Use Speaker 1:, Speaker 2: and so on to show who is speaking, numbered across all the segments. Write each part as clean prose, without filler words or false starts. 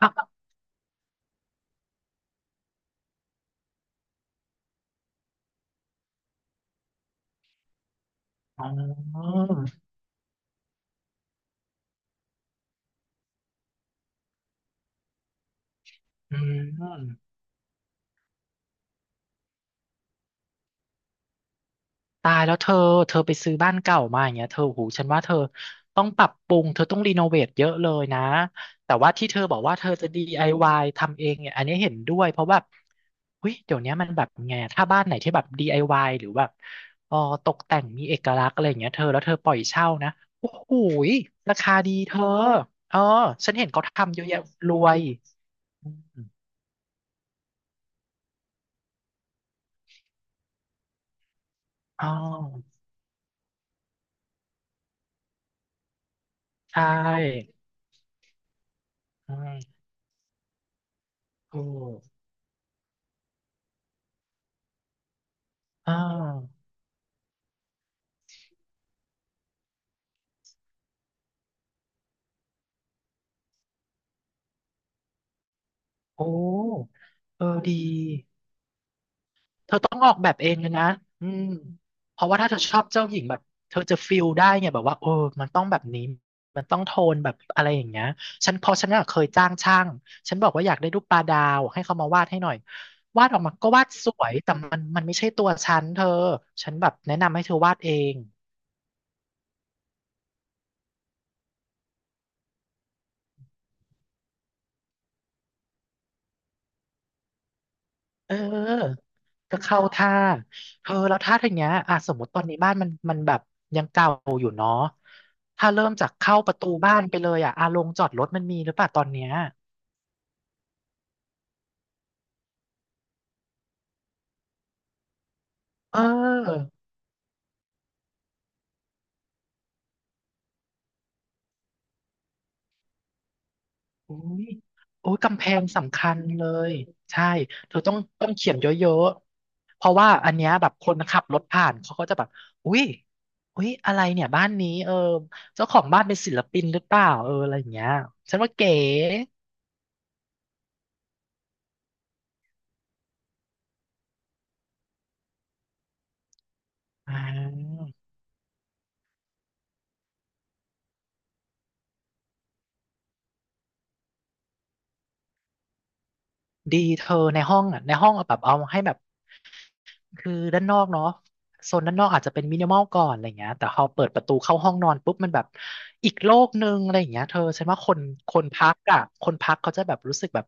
Speaker 1: อ๋ออืมตายแล้วเธอ เธอไปซื้อบ้านเก่ามาอย่างเงี้ยเธอหูฉันว่าเธอต้องปรับปรุง เธอต้องรีโนเวทเยอะเลยนะ แต่ว่าที่เธอบอกว่าเธอจะ DIY ทำเองเนี่ยอันนี้เห็นด้วยเพราะแบบเฮ้ยเดี๋ยวเนี้ยมันแบบไงอะถ้าบ้านไหนที่แบบ DIY หรือแบบเออตกแต่งมีเอกลักษณ์อะไรอย่างเงี้ยเธอ แล้วเธอปล่อยเช่านะโอ้โหยราคาดีเธอเออฉันเห็นเขาทำเยอะแยะรวยอมอ๋อใช่อืมถูก อ่าโอ้เออดีเธอต้องออกแบบเองเลยนะอืมเพราะว่าถ้าเธอชอบเจ้าหญิงแบบเธอจะฟิลได้ไงแบบว่าเออมันต้องแบบนี้มันต้องโทนแบบอะไรอย่างเงี้ยฉันเพอฉันน่ะเคยจ้างช่างฉันบอกว่าอยากได้รูปปลาดาวให้เขามาวาดให้หน่อยวาดออกมาก็วาดสวยแต่มันไม่ใช่ตัวฉันเธอฉันแบบแนะนำให้เธอวาดเองเออ ก็เข้าท่าเธอแล้วท่าทงเนี้ยอ่ะสมมติตอนนี้บ้านมันแบบยังเก่าอยู่เนาะถ้าเริ่มจากเข้าประตูบ้านไปเลยอ่ะอาลงจอดรถมันมีหรือเปล่าตอนเนี้ยเอออุ้ยโอ้ยกำแพงสำคัญเลยใช่เธอต้องเขียนเยอะๆ เพราะว่าอันเนี้ยแบบคนขับรถผ่านเขาก็จะแบบอุ๊ยอุ้ยอะไรเนี่ยบ้านนี้เออเจ้าของบ้านเป็นศิลปินหรือเปล่าเอออะไรอย่างเงี้ยฉันว่าเก๋อ่า ดีเธอในห้องอ่ะในห้องเอาแบบเอาให้แบบคือด้านนอกเนาะโซนด้านนอกอาจจะเป็นมินิมอลก่อนอะไรเงี้ยแต่พอเปิดประตูเข้าห้องนอนปุ๊บมันแบบอีกโลกหนึ่งอะไรอย่างเงี้ยเธอฉันว่าคนพักอ่ะคนพักเขาจะแบบรู้สึกแบบ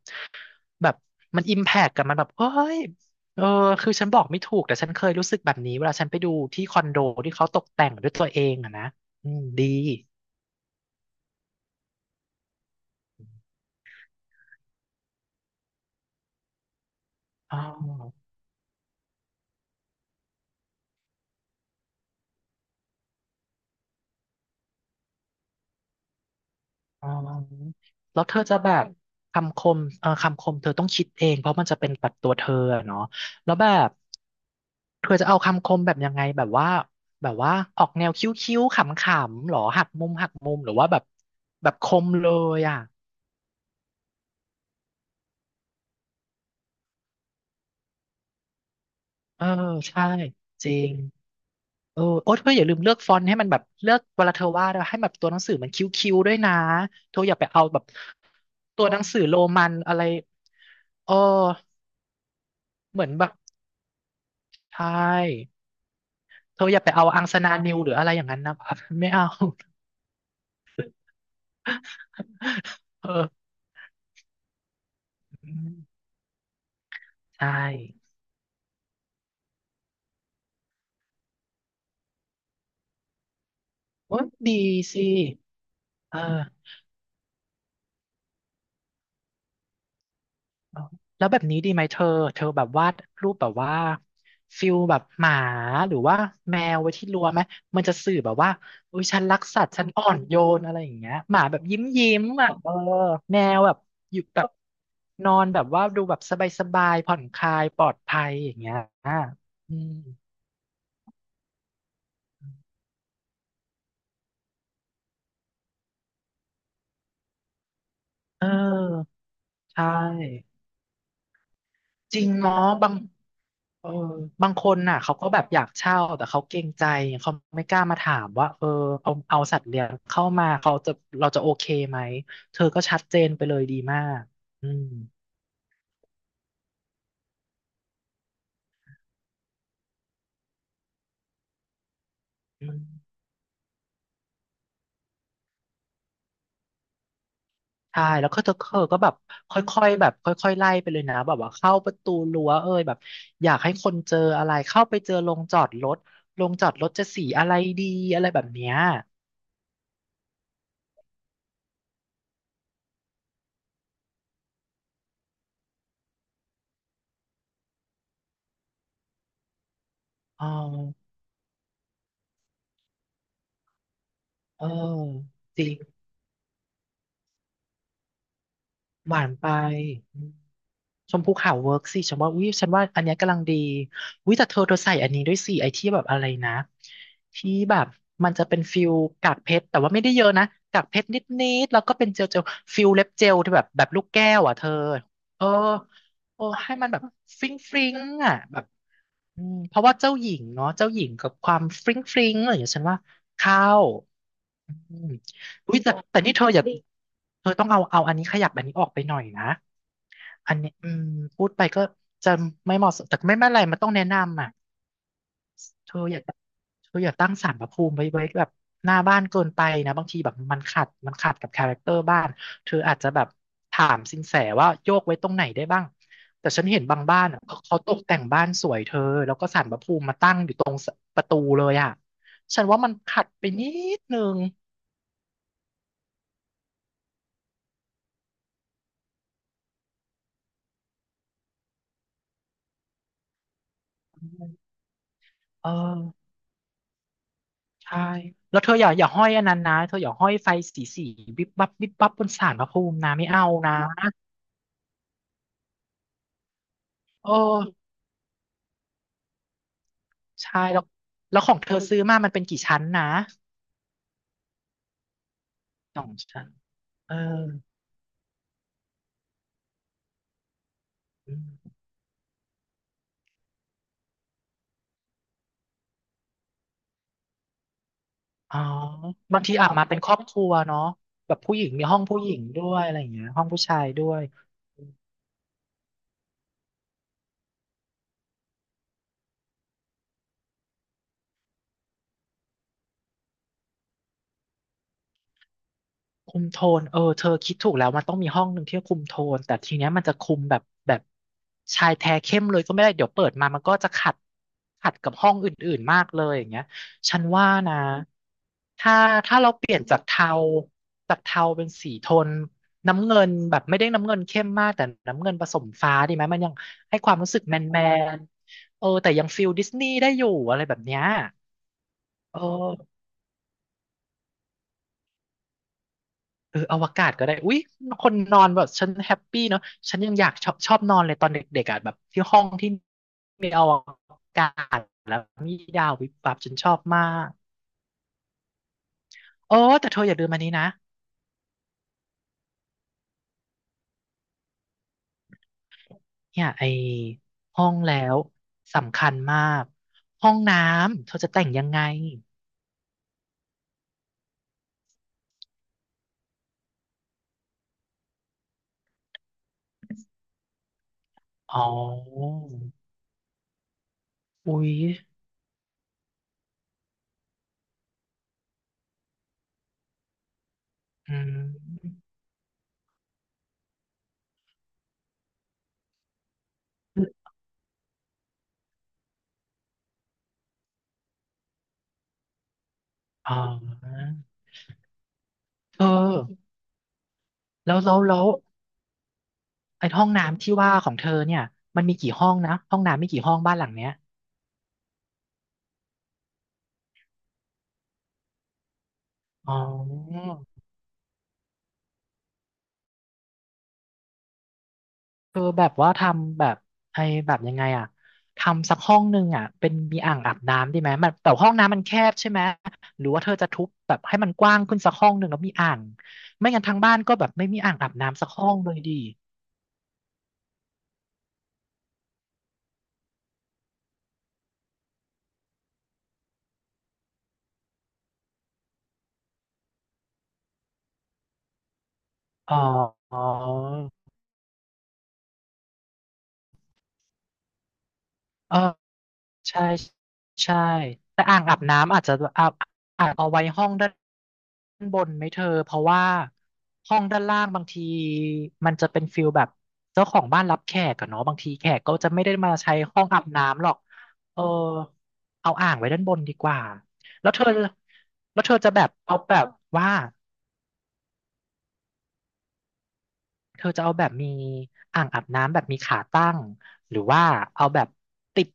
Speaker 1: แบบมันอิมแพกกับมันแบบเฮ้ยเออคือฉันบอกไม่ถูกแต่ฉันเคยรู้สึกแบบนี้เวลาฉันไปดูที่คอนโดที่เขาตกแต่งด้วยตัวเองอะนะอืมดีอ๋อ อ๋อแล้วเธอจะแบบคำคมคำคมเธอต้องคิดเองเพราะมันจะเป็นปัดตัวเธออะเนาะแล้วแบบเธอจะเอาคำคมแบบยังไงแบบว่าแบบว่าออกแนวคิ้วๆขำๆหรอหักมุมหักมุมหรือว่าแบบแบบคมเลยอ่ะเออใช่จริงเออโอ๊ยเธออย่าลืมเลือกฟอนต์ให้มันแบบเลือกเวลาเธอวาดอะให้แบบตัวหนังสือมันคิ้วๆด้วยนะเธออย่าไปเอาแบบตัวหนังสือโรมันอะไรเออเหมือนแบบใช่ เธออย่าไปเอาอังสนานิวหรืออะไรอย่างนั้นนะ ไม่เอา เออใช่โอ้ดีสิเออเอาแล้วแบบนี้ดีไหมเธอเธอแบบวาดรูปแบบว่าฟิลแบบหมาหรือว่าแมวไว้ที่รั้วไหมมันจะสื่อแบบว่าอุ้ยฉันรักสัตว์ฉันอ่อนโยนอะไรอย่างเงี้ยหมาแบบยิ้มยิ้มอ่ะเออแมวแบบอยู่แบบนอนแบบว่าดูแบบสบายสบายผ่อนคลายปลอดภัยอย่างเงี้ยอ่ะอืมเออใช่ จริงเนาะบางเออบางคนน่ะเขาก็แบบอยากเช่าแต่เขาเกรงใจเขาไม่กล้ามาถามว่าเออเอาสัตว์เลี้ยงเข้ามาเขาจะเราจะโอเคไหมเธอก็ชัดเจนไปเลยดีมากอืมอืมใช่แล้วก็เธอก็แบบค่อยๆแบบค่อยๆไล่ไปเลยนะแบบว่าเข้าประตูรั้วเอ้ยแบบอยากให้คนเจออะไรเข้าไปเจอโรงจอดรถโรงจอดรถจะสีอะไรดีอะไรแบบเนี้ยอ๋อเออจริงหวานไป ชมพูขาวเวิร์กสิฉันว่าอุ้ยฉันว่าอันเนี้ยกำลังดีอุ้ยแต่เธอใส่อันนี้ด้วยสิไอที่แบบอะไรนะที่แบบมันจะเป็นฟิลกากเพชรแต่ว่าไม่ได้เยอะนะกากเพชรนิดๆแล้วก็เป็นเจลฟิลเล็บเจลที่แบบแบบลูกแก้วอ่ะเธอเออโอ้ให้มันแบบฟริ้งฟริ้งอ่ะแบบอืมเพราะว่าเจ้าหญิงเนาะเจ้าหญิงกับความฟริ้งฟริ้งอะไรอย่างเงี้ยฉันว่าเข้าอืมอุ้ยแต่นี่เธออย่าเธอต้องเอาอันนี้ขยับอันนี้ออกไปหน่อยนะ อันนี้อืมพูดไปก็จะไม่เหมาะสมแต่ไม่เป็นไรมันต้องแนะนำอ่ะเธออย่าเธออย่าตั้งศาลพระภูมิไว้แบบหน้าบ้านเกินไปนะบางทีแบบมันมันขัดกับคาแรคเตอร์บ้านเธออาจจะแบบถามสินแสว่าโยกไว้ตรงไหนได้บ้างแต่ฉันเห็นบางบ้านอ่ะเขาตกแต่งบ้านสวยเธอแล้วก็ศาลพระภูมิมาตั้งอยู่ตรงประตูเลยอ่ะฉันว่ามันขัดไปนิดนึงเออ ใช่ แล้วเธออย่าห้อยอันนั้นนะเธออย่าห้อยไฟสีวิบวับวิบวับบนศาลพระภูมินะไม่เอานะโอ้ใช่แล้วแล้วของเธอซื้อมามันเป็นกี่ชั้นนะสองชั้นเอออืมอ๋อบางทีอาบมาเป็นครอบครัวเนาะแบบผู้หญิงมีห้องผู้หญิงด้วยอะไรอย่างเงี้ยห้องผู้ชายด้วย คุมโทนเออเธอคิดถูกแล้วมันต้องมีห้องหนึ่งที่คุมโทนแต่ทีเนี้ยมันจะคุมแบบชายแท้เข้มเลยก็ไม่ได้เดี๋ยวเปิดมามันก็จะขัดกับห้องอื่นๆมากเลยอย่างเงี้ยฉันว่านะถ้าถ้าเราเปลี่ยนจากเทาเป็นสีโทนน้ำเงินแบบไม่ได้น้ำเงินเข้มมากแต่น้ำเงินผสมฟ้าดีไหมมันยังให้ความรู้สึกแมนแมนเออแต่ยังฟิลดิสนีย์ได้อยู่อะไรแบบเนี้ยเออ เอออวกาศก็ได้อุ๊ยคนนอนแบบฉันแฮปปี้เนาะฉันยังอยากชอบนอนเลยตอนเด็กๆอ่ะแบบที่ห้องที่มีอวกาศแล้วมีดาววิบวับฉันชอบมากโอ้แต่เธออย่าลืมอันนี้นะ เนี่ยไอห้องแล้วสำคัญมากห้องน้ำเธอจะแต่งยังไงอ๋ออุ๊ยอืมอ๋อเธอแล้วไอ้ห้องน้ำที่ว่าของเธอเนี่ยมันมีกี่ห้องนะห้องน้ำมีกี่ห้องบ้านหลังเนี้ย อ๋อคือแบบว่าทำแบบไอ้แบบยังไงอ่ะทำสักห้องหนึ่งอ่ะเป็นมีอ่างอาบน้ำดีไหมมันแต่ห้องน้ำมันแคบใช่ไหม หรือว่าเธอจะทุบแบบให้มันกว้างขึ้นสักห้องหนึ่งแล้วมีอ่างไม่งั้นทางบ้านก็แบบไม่มีอ่างอาบน้ำสักห้องเลยดี อ๋ออ๋อเออ ใช่ใช่แต่อ่างอาบน้ำอาจเอาไว้ห้องด้านบนไหมเธอเพราะว่าห้องด้านล่างบางทีมันจะเป็นฟิลแบบเจ้าของบ้านรับแขกอะเนาะบางทีแขกก็จะไม่ได้มาใช้ห้องอาบน้ำหรอกเออเอาอ่างไว้ด้านบนดีกว่าแล้วเธอแล้วเธอจะแบบเอาแบบว่าเธอจะเอาแบบมีอ่างอาบน้ำแบบมีขาตั้งหรือว่าเอาแบบติด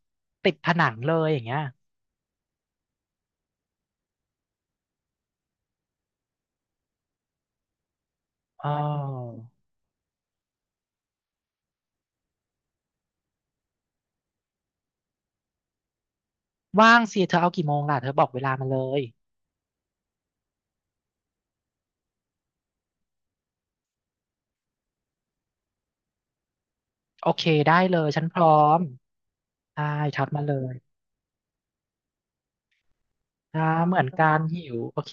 Speaker 1: ติดผนังเลยอย่างเงี้ยอ๋อ ว่างสิเธอเอากี่โมงล่ะเธอบอกเวลามาเลยโอเคได้เลยฉันพร้อมได้ทักมาเลยอ่าเหมือนกันหิวโอเค